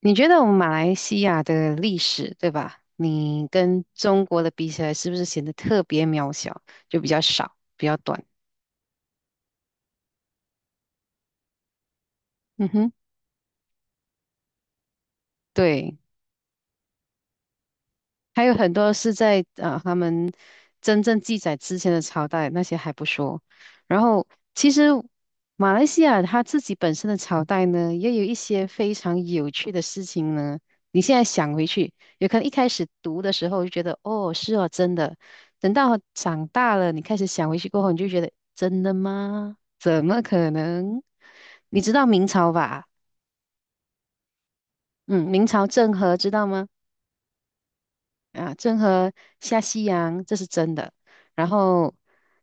你觉得我们马来西亚的历史，对吧？你跟中国的比起来，是不是显得特别渺小，就比较少，比较短？嗯哼，对。还有很多是在他们真正记载之前的朝代，那些还不说。然后其实马来西亚它自己本身的朝代呢，也有一些非常有趣的事情呢。你现在想回去，有可能一开始读的时候就觉得哦是哦真的，等到长大了，你开始想回去过后，你就觉得真的吗？怎么可能？你知道明朝吧？嗯，明朝郑和知道吗？啊，郑和下西洋，这是真的。然后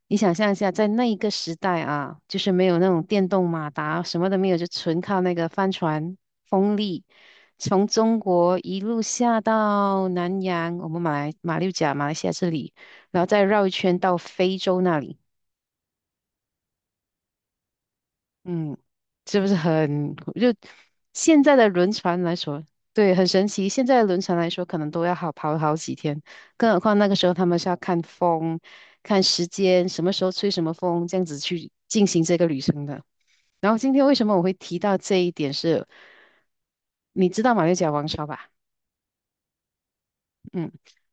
你想象一下，在那一个时代啊，就是没有那种电动马达，什么都没有，就纯靠那个帆船风力，从中国一路下到南洋，我们马六甲、马来西亚这里，然后再绕一圈到非洲那里。嗯，是不是很就现在的轮船来说，对，很神奇。现在的轮船来说，可能都要跑好几天，更何况那个时候他们是要看风、看时间，什么时候吹什么风，这样子去进行这个旅程的。然后今天为什么我会提到这一点是，你知道马六甲王朝吧？嗯，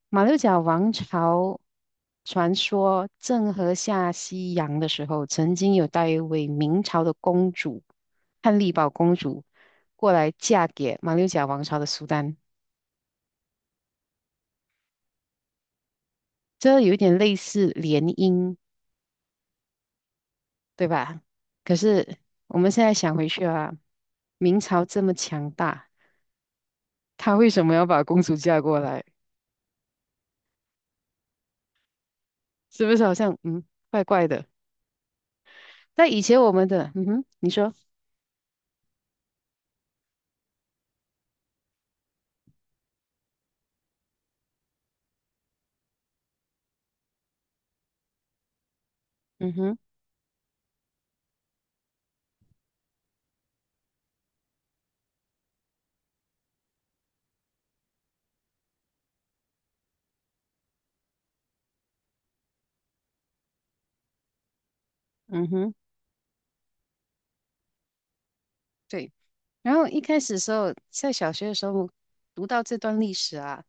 马六甲王朝传说郑和下西洋的时候，曾经有带一位明朝的公主，汉丽宝公主过来嫁给马六甲王朝的苏丹，这有一点类似联姻，对吧？可是我们现在想回去啊，明朝这么强大，他为什么要把公主嫁过来？是不是好像怪怪的？在以前我们的嗯哼，你说嗯哼嗯哼。对。然后一开始的时候，在小学的时候读到这段历史啊，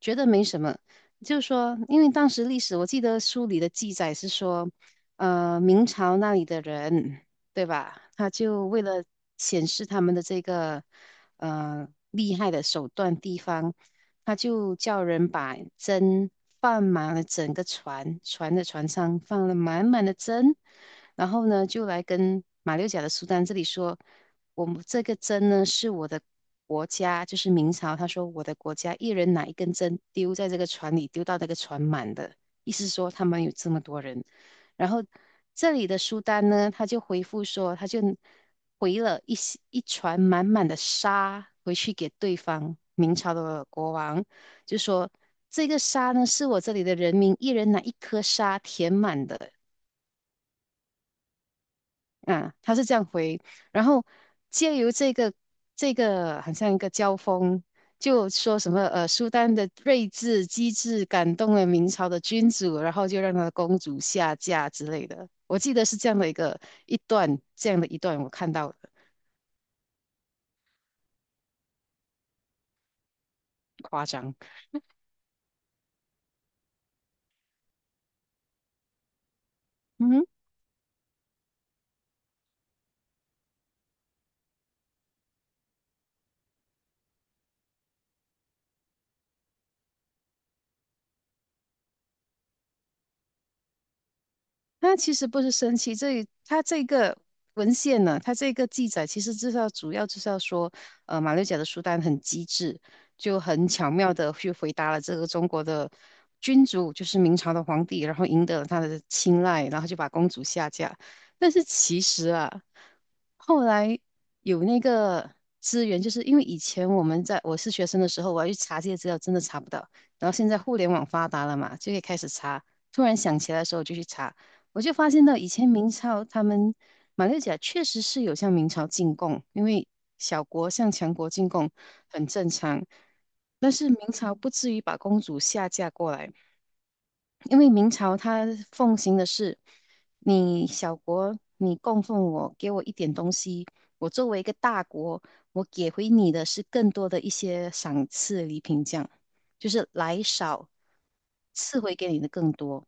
觉得没什么，就是说，因为当时历史，我记得书里的记载是说，明朝那里的人，对吧？他就为了显示他们的这个厉害的手段地方，他就叫人把针放满了整个船，船上放了满满的针，然后呢，就来跟马六甲的苏丹这里说。我们这个针呢是我的国家，就是明朝，他说我的国家一人拿一根针丢在这个船里，丢到那个船满的，意思说他们有这么多人。然后这里的苏丹呢，他就回复说，他就回了一船满满的沙回去给对方明朝的国王，就说这个沙呢是我这里的人民一人拿一颗沙填满的，啊，他是这样回，然后借由这个好像一个交锋，就说什么苏丹的睿智机智感动了明朝的君主，然后就让他的公主下嫁之类的。我记得是这样的一段，这样的一段我看到的，夸张。嗯。那其实不是生气，这个文献呢，他这个记载其实至少主要就是要说，马六甲的苏丹很机智，就很巧妙的去回答了这个中国的君主，就是明朝的皇帝，然后赢得了他的青睐，然后就把公主下嫁。但是其实啊，后来有那个资源，就是因为以前我们在我是学生的时候，我要去查这些资料，真的查不到。然后现在互联网发达了嘛，就可以开始查。突然想起来的时候，我就去查。我就发现到以前明朝他们马六甲确实是有向明朝进贡，因为小国向强国进贡很正常，但是明朝不至于把公主下嫁过来。因为明朝他奉行的是，你小国你供奉我，给我一点东西，我作为一个大国，我给回你的是更多的一些赏赐礼品这样。就是来少，赐回给你的更多。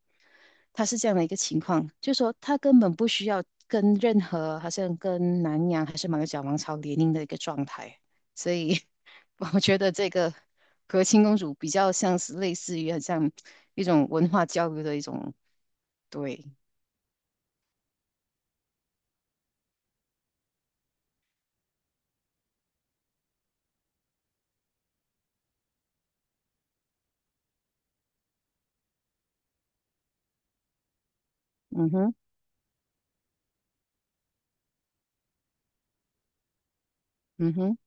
他是这样的一个情况，就是说他根本不需要跟任何，好像跟南洋还是马六甲王朝联姻的一个状态，所以 我觉得这个和亲公主比较像是类似于很像一种文化交流的一种，对，嗯哼，嗯哼。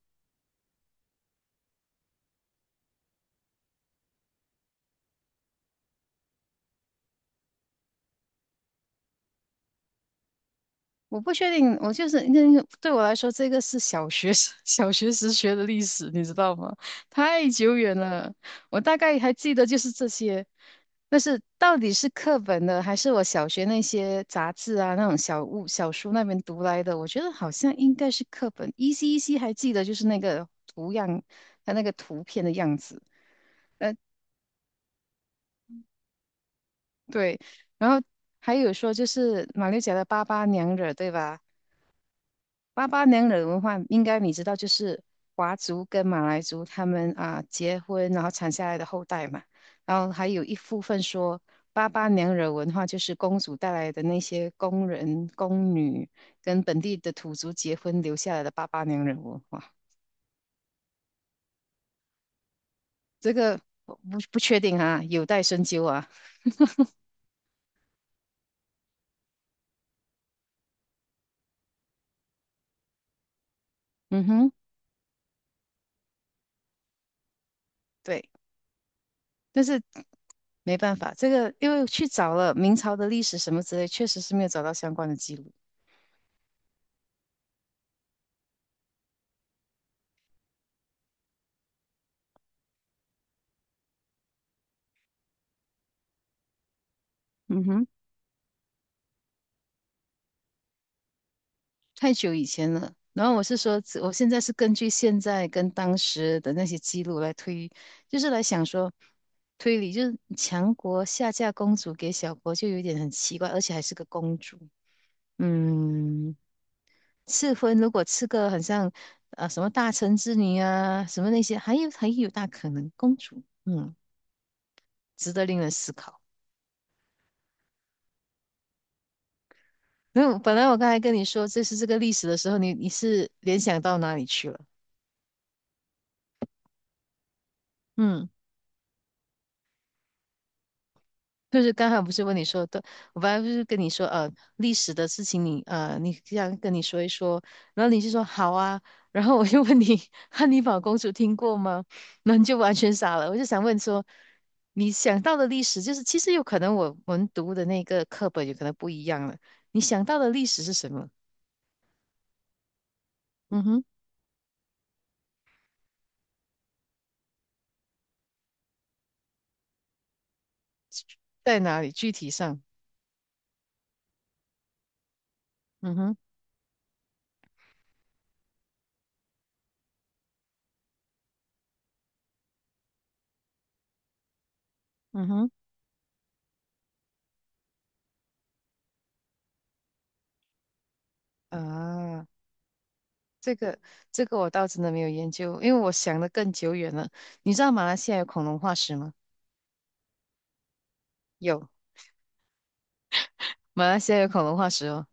我不确定，我就是那个对我来说，这个是小学时 小学时学的历史，你知道吗？太久远了，我大概还记得就是这些，但是到底是课本的，还是我小学那些杂志啊那种小物小书那边读来的？我觉得好像应该是课本，依稀依稀还记得就是那个图样，它那个图片的样子，呃，对，然后还有说就是马六甲的八八娘惹，对吧？八八娘惹文化应该你知道，就是华族跟马来族他们啊结婚，然后产下来的后代嘛。然后还有一部分说八八娘惹文化就是公主带来的那些工人、宫女跟本地的土族结婚留下来的八八娘惹文化。这个我不确定啊，有待深究啊。嗯哼，对，但是没办法，这个因为去找了明朝的历史什么之类，确实是没有找到相关的记录。嗯哼。太久以前了。然后我是说，我现在是根据现在跟当时的那些记录来推，就是来想说推理，就是强国下嫁公主给小国，就有点很奇怪，而且还是个公主。嗯，赐婚如果赐个很像什么大臣之女啊，什么那些，还有还有大可能公主，嗯，值得令人思考。那本来我刚才跟你说这是这个历史的时候，你是联想到哪里去了？嗯。就是刚才不是问你说的，我本来不是跟你说，历史的事情你，你这样跟你说一说，然后你就说好啊，然后我就问你 汉尼拔公主听过吗？那你就完全傻了。我就想问说，你想到的历史就是，其实有可能我们读的那个课本有可能不一样了。你想到的历史是什么？嗯哼，在哪里？具体上，嗯哼，嗯哼，啊，这个我倒真的没有研究，因为我想的更久远了。你知道马来西亚有恐龙化石吗？有，马来西亚有恐龙化石哦。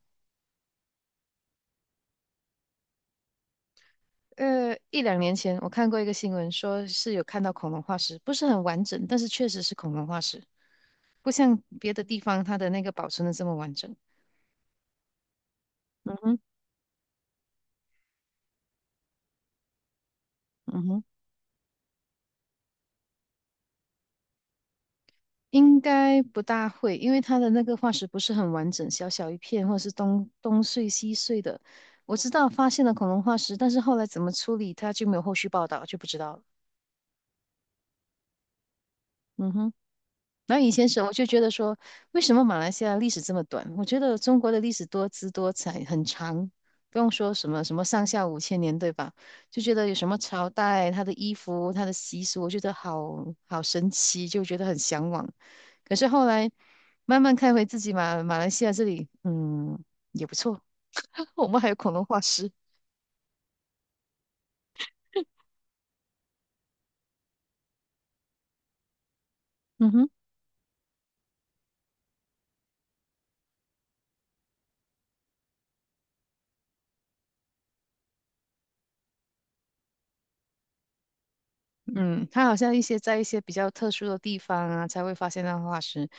一两年前我看过一个新闻，说是有看到恐龙化石，不是很完整，但是确实是恐龙化石，不像别的地方它的那个保存的这么完整。嗯哼，嗯哼，应该不大会，因为它的那个化石不是很完整，小小一片，或者是东碎西碎的。我知道发现了恐龙化石，但是后来怎么处理它就没有后续报道，就不知道了。嗯哼。那后以前时候我就觉得说，为什么马来西亚历史这么短？我觉得中国的历史多姿多彩，很长，不用说什么什么上下五千年，对吧？就觉得有什么朝代、它的衣服、它的习俗，我觉得好好神奇，就觉得很向往。可是后来慢慢看回自己马来西亚这里，嗯，也不错，我们还有恐龙化石。嗯哼。嗯，它好像在一些比较特殊的地方啊，才会发现到化石。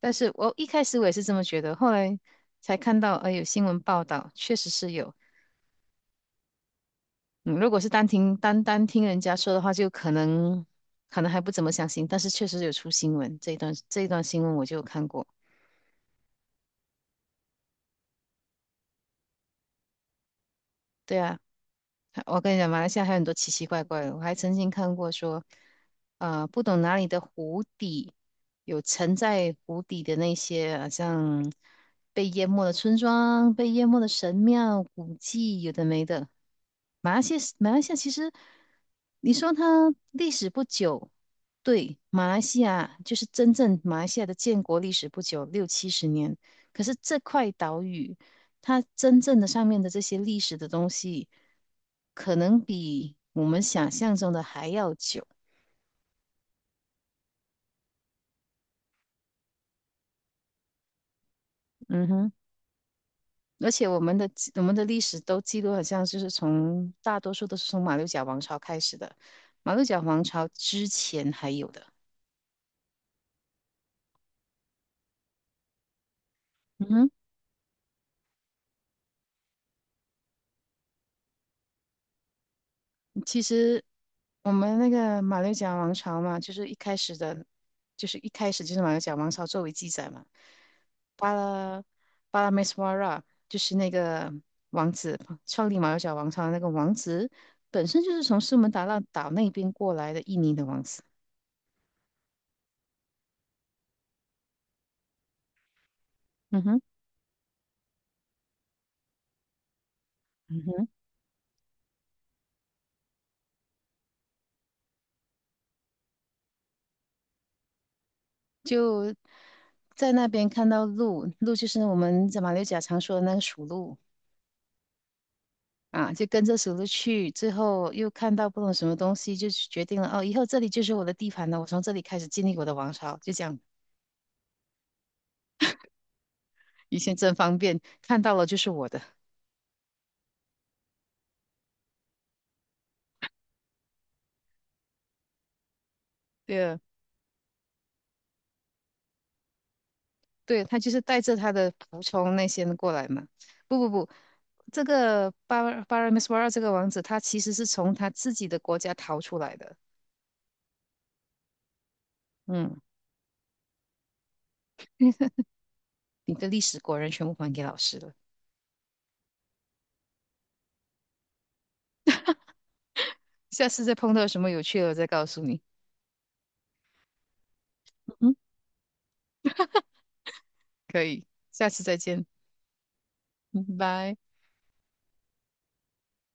但是我一开始我也是这么觉得，后来才看到，有新闻报道，确实是有。嗯，如果是单单听人家说的话，就可能还不怎么相信，但是确实有出新闻，这一段新闻我就有看过。对啊，我跟你讲，马来西亚还有很多奇奇怪怪的。我还曾经看过说，不懂哪里的湖底有沉在湖底的那些，好像被淹没的村庄、被淹没的神庙、古迹，有的没的。马来西亚，马来西亚其实，你说它历史不久，对，马来西亚就是真正马来西亚的建国历史不久，六七十年。可是这块岛屿。它真正的上面的这些历史的东西，可能比我们想象中的还要久。嗯哼，而且我们的历史都记录好像就是从大多数都是从马六甲王朝开始的，马六甲王朝之前还有的。嗯哼，其实我们那个马六甲王朝嘛，就是一开始的，就是一开始就是马六甲王朝作为记载嘛。巴拉巴拉梅斯瓦拉，就是那个王子，创立马六甲王朝的那个王子，本身就是从苏门答腊岛那边过来的印尼的王子。嗯哼，嗯哼，就在那边看到鹿，鹿就是我们在马六甲常说的那个属鹿啊，就跟着属鹿去，最后又看到不懂什么东西，就决定了哦，以后这里就是我的地盘了，我从这里开始建立我的王朝，就这样。以前真方便，看到了就是我的。对啊对，他就是带着他的仆从那些人过来嘛。不不不，这个巴尔米斯瓦尔这个王子，他其实是从他自己的国家逃出来的。嗯，你的历史果然全部还给老师了。下次再碰到什么有趣的，我再告诉你。嗯，可以，下次再见，嗯拜。